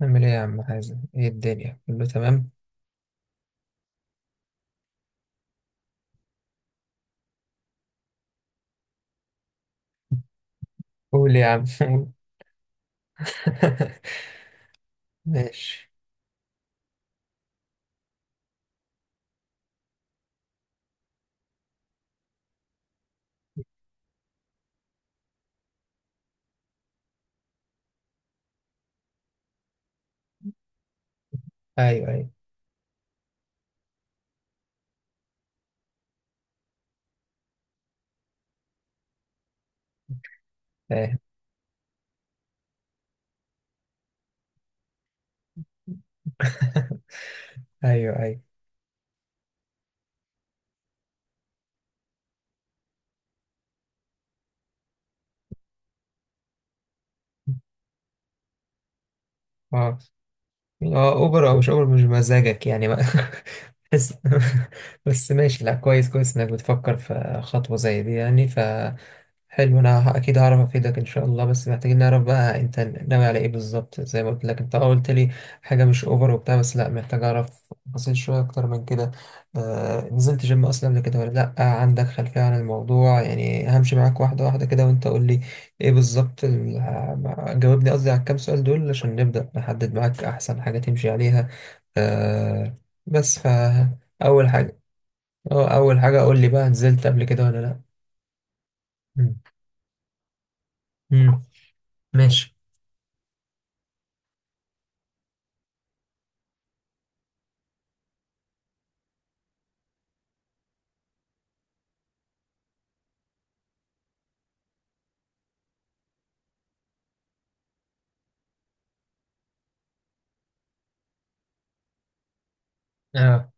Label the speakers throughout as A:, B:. A: نعمل ايه يا عم حازم، ايه الدنيا؟ كله تمام. قول يا عم، قول. ماشي. ايوه ايوه. فاهم. ايوه ايوه. اه اه اوبر او مش اوبر، مش مزاجك يعني، ما... بس بس ماشي، لا كويس كويس انك بتفكر في خطوة زي دي يعني. حلو، انا اكيد هعرف افيدك ان شاء الله. بس محتاجين نعرف بقى انت ناوي على ايه بالظبط، زي ما قلت لك انت قلت لي حاجة مش اوفر وبتاع، بس لا محتاج اعرف تفاصيل شوية اكتر من كده. نزلت جيم اصلا قبل كده ولا لا؟ عندك خلفية عن الموضوع؟ يعني همشي معاك واحدة واحدة كده وانت قول لي ايه بالظبط جاوبني قصدي على الكام سؤال دول عشان نبدأ نحدد معاك احسن حاجة تمشي عليها. آه بس اول حاجة. اه، اول حاجة قول لي بقى، نزلت قبل كده ولا لا؟ مم. مم. ماشي. اه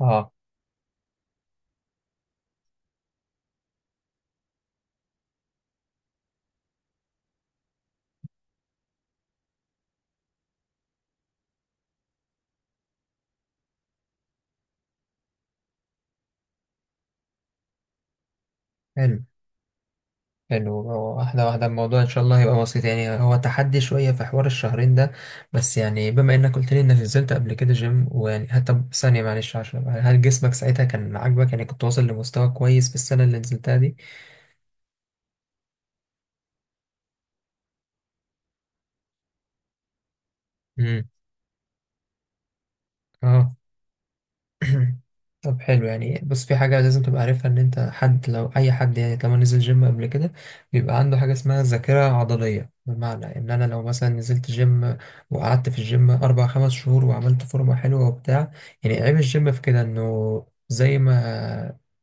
A: اه. حلو حلو، واحدة واحدة، الموضوع ان شاء الله هيبقى بسيط يعني. هو تحدي شوية في حوار الشهرين ده. بس يعني بما انك قلت لي انك نزلت قبل كده جيم، ويعني حتى ثانية معلش عشان هل جسمك ساعتها كان عاجبك؟ يعني كنت واصل لمستوى كويس في السنة اللي نزلتها دي؟ مم. اه. طب حلو، يعني بص، في حاجة لازم تبقى عارفها، إن أنت حد، لو أي حد يعني طالما نزل جيم قبل كده بيبقى عنده حاجة اسمها ذاكرة عضلية. بمعنى إن أنا لو مثلا نزلت جيم وقعدت في الجيم أربع خمس شهور وعملت فورمة حلوة وبتاع، يعني عيب الجيم في كده إنه زي ما،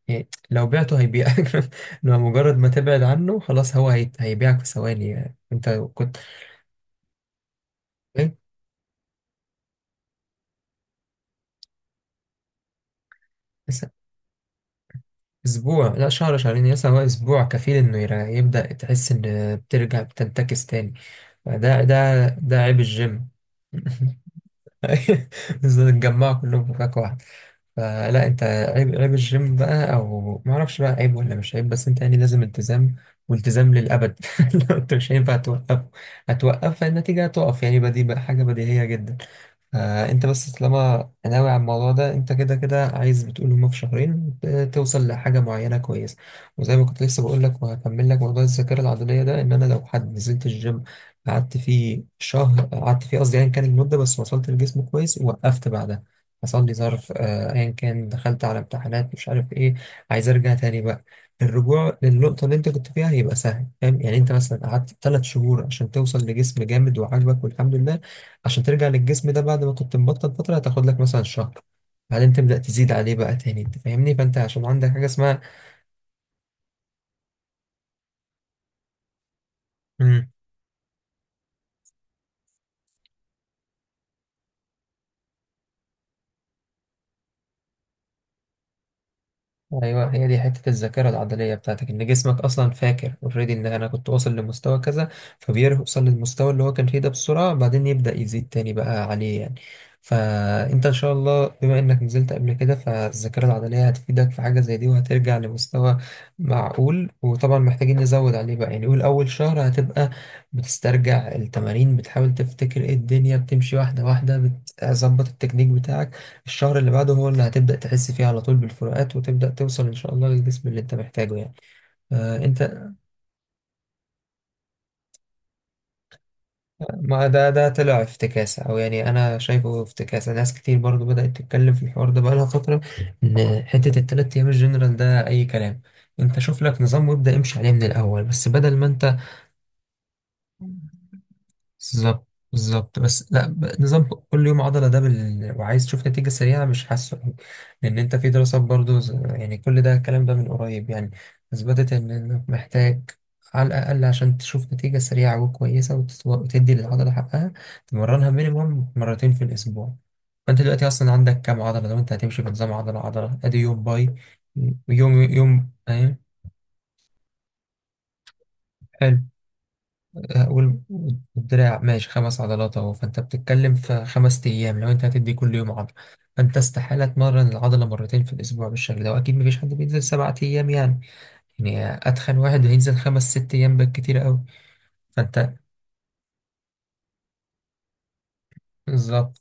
A: يعني لو بعته هيبيعك. لو مجرد ما تبعد عنه خلاص هو هيبيعك في ثواني يعني، أنت كنت... إيه؟ اسبوع، لا شهر شهرين، يا هو اسبوع كفيل انه يبدأ تحس ان بترجع بتنتكس تاني. ده عيب الجيم. بالذات اتجمعوا كلهم في فاك واحد. فلا انت عيب الجيم بقى، او معرفش بقى عيب ولا مش عيب، بس انت يعني لازم التزام، والتزام للأبد. لو انت مش هينفع توقف، هتوقف فالنتيجة هتقف يعني، بدي بقى حاجة بديهية جدا. فانت بس طالما ناوي على الموضوع ده، انت كده كده عايز، بتقول هما في شهرين توصل لحاجه معينه كويسه. وزي ما كنت لسه بقول لك، وهكمل لك موضوع الذاكره العضليه ده، ان انا لو حد نزلت الجيم قعدت فيه شهر، قعدت فيه قصدي، ايا كان المده بس وصلت لجسم كويس ووقفت بعدها. حصل لي ظرف، ايا كان، دخلت على امتحانات مش عارف ايه، عايز ارجع تاني بقى. الرجوع للنقطة اللي انت كنت فيها هيبقى سهل، فاهم يعني، انت مثلا قعدت 3 شهور عشان توصل لجسم جامد وعاجبك والحمد لله، عشان ترجع للجسم ده بعد ما كنت مبطل فترة هتاخد لك مثلا شهر، بعدين تبدأ تزيد عليه بقى تاني. انت فاهمني؟ فانت عشان عندك حاجة اسمها، ايوه، هي دي حته الذاكره العضليه بتاعتك، ان جسمك اصلا فاكر اوريدي ان انا كنت واصل لمستوى كذا، فبيوصل للمستوى اللي هو كان فيه ده بسرعه، بعدين يبدا يزيد تاني بقى عليه يعني. فانت ان شاء الله بما انك نزلت قبل كده، فالذاكره العضليه هتفيدك في حاجه زي دي، وهترجع لمستوى معقول، وطبعا محتاجين نزود عليه بقى يعني. قول اول شهر هتبقى بتسترجع التمارين، بتحاول تفتكر ايه، الدنيا بتمشي واحده واحده، بتظبط التكنيك بتاعك. الشهر اللي بعده هو اللي هتبدأ تحس فيه على طول بالفروقات، وتبدأ توصل إن شاء الله للجسم اللي أنت محتاجه يعني. آه أنت ما ده طلع افتكاسة، أو يعني أنا شايفه افتكاسة، ناس كتير برضو بدأت تتكلم في الحوار ده بقالها فترة، إن حتة التلات أيام الجنرال ده أي كلام. أنت شوف لك نظام وابدأ امشي عليه من الأول، بس بدل ما أنت، بالظبط بالظبط، بس لا نظام كل يوم عضلة ده وعايز تشوف نتيجة سريعة مش حاسه أوي. لأن أنت في دراسات برضو يعني كل ده، الكلام ده من قريب يعني، أثبتت إنك محتاج، على الأقل عشان تشوف نتيجة سريعة وكويسة وتدي للعضلة حقها، تمرنها مينيموم مرتين في الأسبوع. فأنت دلوقتي أصلا عندك كام عضلة؟ لو أنت هتمشي بنظام عضلة عضلة، أدي يوم باي يوم، يوم أهي. حلو وال- والدراع ماشي، 5 عضلات اهو، فانت بتتكلم في 5 أيام لو انت هتدي كل يوم عضله. فانت استحاله تمرن العضله مرتين في الاسبوع بالشكل ده، واكيد مفيش حد بينزل 7 أيام يعني. يعني اتخن واحد هينزل خمس ست ايام بالكتير قوي. فانت، بالظبط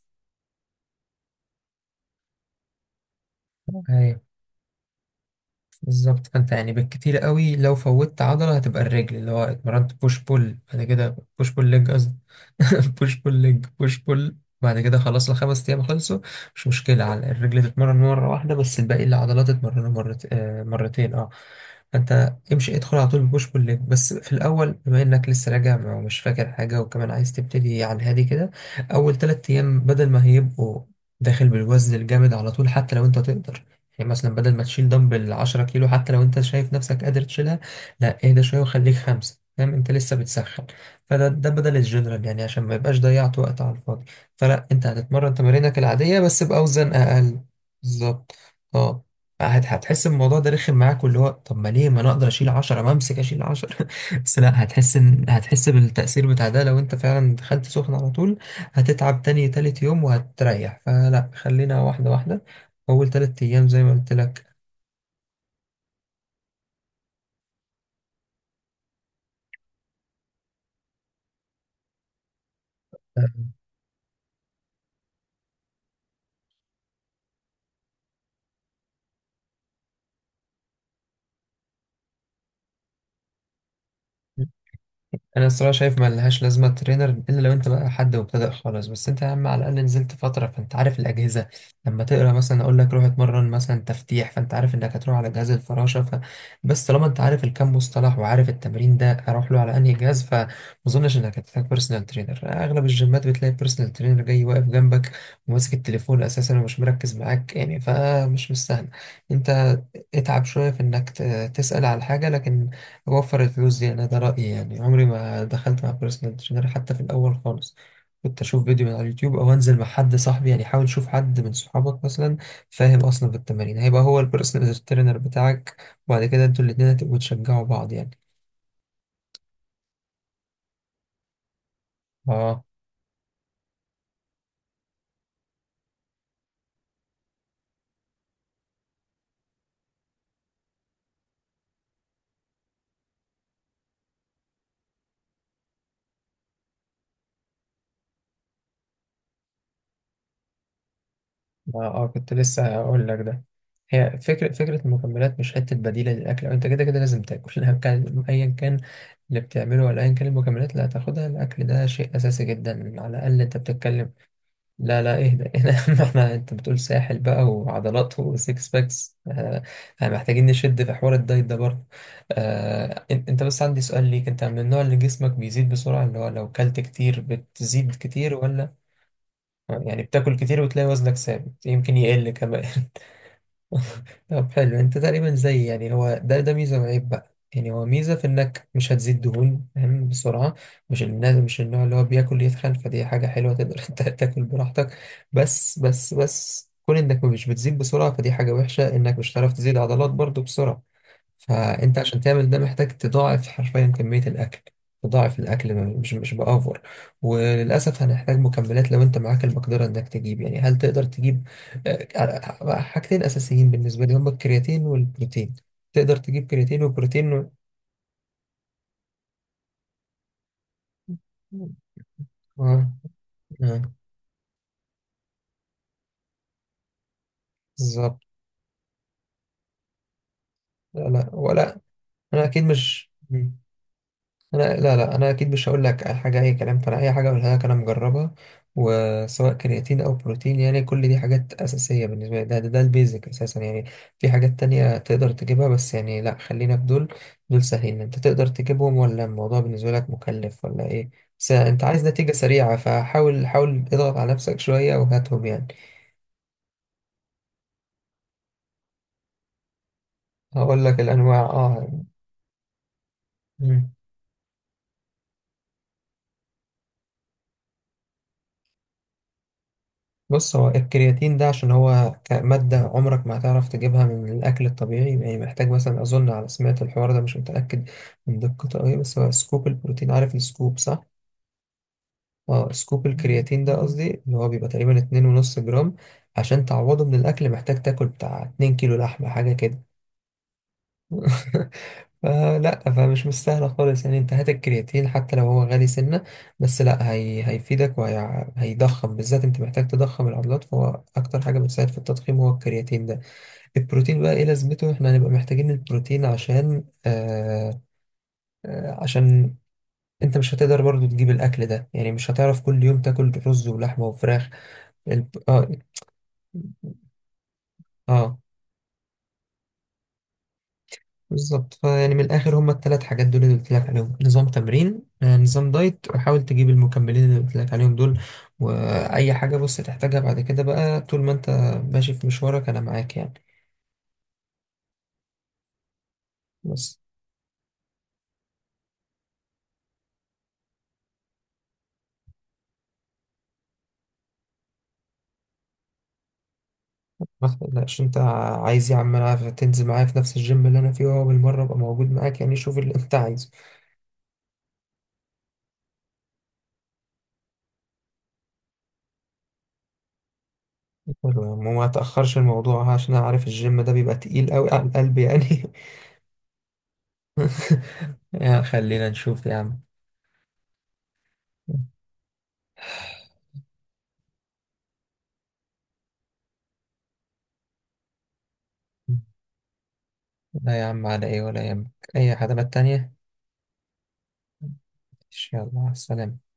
A: بالظبط، فانت يعني بالكتير قوي لو فوتت عضلة هتبقى الرجل اللي هو اتمرنت بوش بول، بعد كده بوش بول ليج قصدي. بوش بول ليج بوش بول، بعد كده خلاص الـ5 أيام خلصوا. مش مشكلة على الرجل تتمرن مرة واحدة، بس الباقي العضلات تتمرن مرتين اه. فانت امشي ادخل على طول بوش بول ليج، بس في الاول بما انك لسه راجع ومش فاكر حاجه، وكمان عايز تبتدي على الهادي كده، اول 3 أيام بدل ما هيبقوا داخل بالوزن الجامد على طول، حتى لو انت تقدر، يعني مثلا بدل ما تشيل دمبل 10 كيلو حتى لو انت شايف نفسك قادر تشيلها، لا اهدى شويه وخليك خمسه، فاهم، انت لسه بتسخن. فده بدل الجنرال يعني، عشان ما يبقاش ضيعت وقت على الفاضي. فلا انت هتتمرن تمارينك العاديه بس باوزان اقل. بالظبط. اه هتحس إن الموضوع ده رخم معاك، واللي هو طب ما ليه، ما انا اقدر اشيل 10، ما امسك اشيل 10؟ بس لا هتحس بالتأثير بتاع ده لو انت فعلا دخلت سخن على طول. هتتعب تاني تالت يوم وهتريح، فلا خلينا واحدة واحدة، اول 3 أيام زي ما قلت لك. آه، انا الصراحه شايف ما لهاش لازمه ترينر، الا لو انت بقى حد مبتدئ خالص، بس انت يا عم على الاقل نزلت فتره، فانت عارف الاجهزه. لما تقرا مثلا اقول لك روح اتمرن مثلا تفتيح، فانت عارف انك هتروح على جهاز الفراشه بس طالما انت عارف الكام مصطلح وعارف التمرين ده اروح له على انهي جهاز، فما اظنش انك هتحتاج بيرسونال ترينر. اغلب الجيمات بتلاقي بيرسونال ترينر جاي واقف جنبك وماسك التليفون اساسا ومش مركز معاك يعني، فمش مستاهل. انت اتعب شويه في انك تسال على الحاجه، لكن وفر الفلوس دي. انا ده رأيي يعني، عمري ما دخلت مع بيرسونال ترينر حتى في الاول خالص، كنت اشوف فيديو من على اليوتيوب او انزل مع حد صاحبي. يعني حاول شوف حد من صحابك مثلا فاهم اصلا في التمارين، هيبقى هو البيرسونال ترينر بتاعك، وبعد كده انتوا الاتنين هتبقوا تشجعوا بعض يعني. اه اه. كنت لسه هقول لك ده. هي فكرة المكملات مش حتة بديلة للأكل، أو أنت كده كده لازم تاكل. أيا كان أيا كان اللي بتعمله، ولا أيا كان المكملات اللي هتاخدها، الأكل ده شيء أساسي جدا. على الأقل أنت بتتكلم، لا لا اهدى. احنا، انت بتقول ساحل بقى وعضلات وسيكس باكس، محتاجين نشد في حوار الدايت ده برضه. آه إن- انت، بس عندي سؤال ليك، انت من النوع اللي جسمك بيزيد بسرعة، اللي هو لو كلت كتير بتزيد كتير، ولا يعني بتاكل كتير وتلاقي وزنك ثابت يمكن يقل كمان؟ طب حلو، انت تقريبا زي يعني، هو ده ميزه وعيب بقى يعني. هو ميزه في انك مش هتزيد دهون فاهم بسرعه، مش الناس مش النوع اللي هو بياكل يتخن، فدي حاجه حلوه تقدر انت تاكل براحتك. بس كون انك مش بتزيد بسرعه فدي حاجه وحشه، انك مش هتعرف تزيد عضلات برضو بسرعه. فانت عشان تعمل ده محتاج تضاعف حرفيا كمية الاكل، تضاعف الاكل، مش بافور. وللاسف هنحتاج مكملات لو انت معاك المقدرة انك تجيب. يعني هل تقدر تجيب حاجتين اساسيين بالنسبة لي، هما الكرياتين والبروتين؟ تقدر تجيب كرياتين وبروتين و... آه، آه، بالظبط. لا لا ولا، انا اكيد مش، انا لا لا انا اكيد مش هقول لك على حاجه اي كلام، فانا اي حاجه اقولها لك انا مجربها. وسواء كرياتين او بروتين يعني، كل دي حاجات اساسيه بالنسبه لي، ده البيزك اساسا يعني. في حاجات تانية تقدر تجيبها، بس يعني لا خلينا في دول، دول سهلين. انت تقدر تجيبهم ولا الموضوع بالنسبه لك مكلف ولا ايه؟ بس انت عايز نتيجه سريعه، فحاول حاول اضغط على نفسك شويه وهاتهم يعني. هقول لك الانواع، اه. بص، هو الكرياتين ده عشان هو كمادة عمرك ما هتعرف تجيبها من الأكل الطبيعي، يعني محتاج مثلا، أظن على سمعة الحوار ده مش متأكد من دقته أوي، بس هو سكوب البروتين، عارف السكوب صح؟ اه سكوب الكرياتين ده قصدي، اللي هو بيبقى تقريبا 2.5 جرام، عشان تعوضه من الأكل محتاج تاكل بتاع 2 كيلو لحمة حاجة كده. فلا فمش مستاهلة خالص يعني، انت هات الكرياتين حتى لو هو غالي سنة، بس لا هي هيفيدك وهيضخم، بالذات انت محتاج تضخم العضلات، فهو اكتر حاجة بتساعد في التضخيم هو الكرياتين ده. البروتين بقى ايه لازمته؟ احنا هنبقى محتاجين البروتين عشان آه آه عشان انت مش هتقدر برضو تجيب الاكل ده يعني، مش هتعرف كل يوم تاكل رز ولحمة وفراخ اه اه بالظبط. فيعني من الاخر هما الـ3 حاجات دول اللي قلت لك عليهم، نظام تمرين، نظام دايت، وحاول تجيب المكملين اللي قلت لك عليهم دول. واي حاجه بص تحتاجها بعد كده بقى، طول ما انت ماشي في مشوارك انا معاك يعني. بس ما تقلقش انت، عايز يا عم انا تنزل معايا في نفس الجيم اللي انا فيه، وهو بالمره ابقى موجود معاك يعني، شوف اللي انت عايزه. حلو يا عم، وما تاخرش الموضوع عشان انا عارف الجيم ده بيبقى تقيل قوي على القلب يعني. يا، خلينا نشوف يا عم. لا يا عم على ايه، ولا يهمك اي خدمات تانية. ماشي، يلا مع السلامة.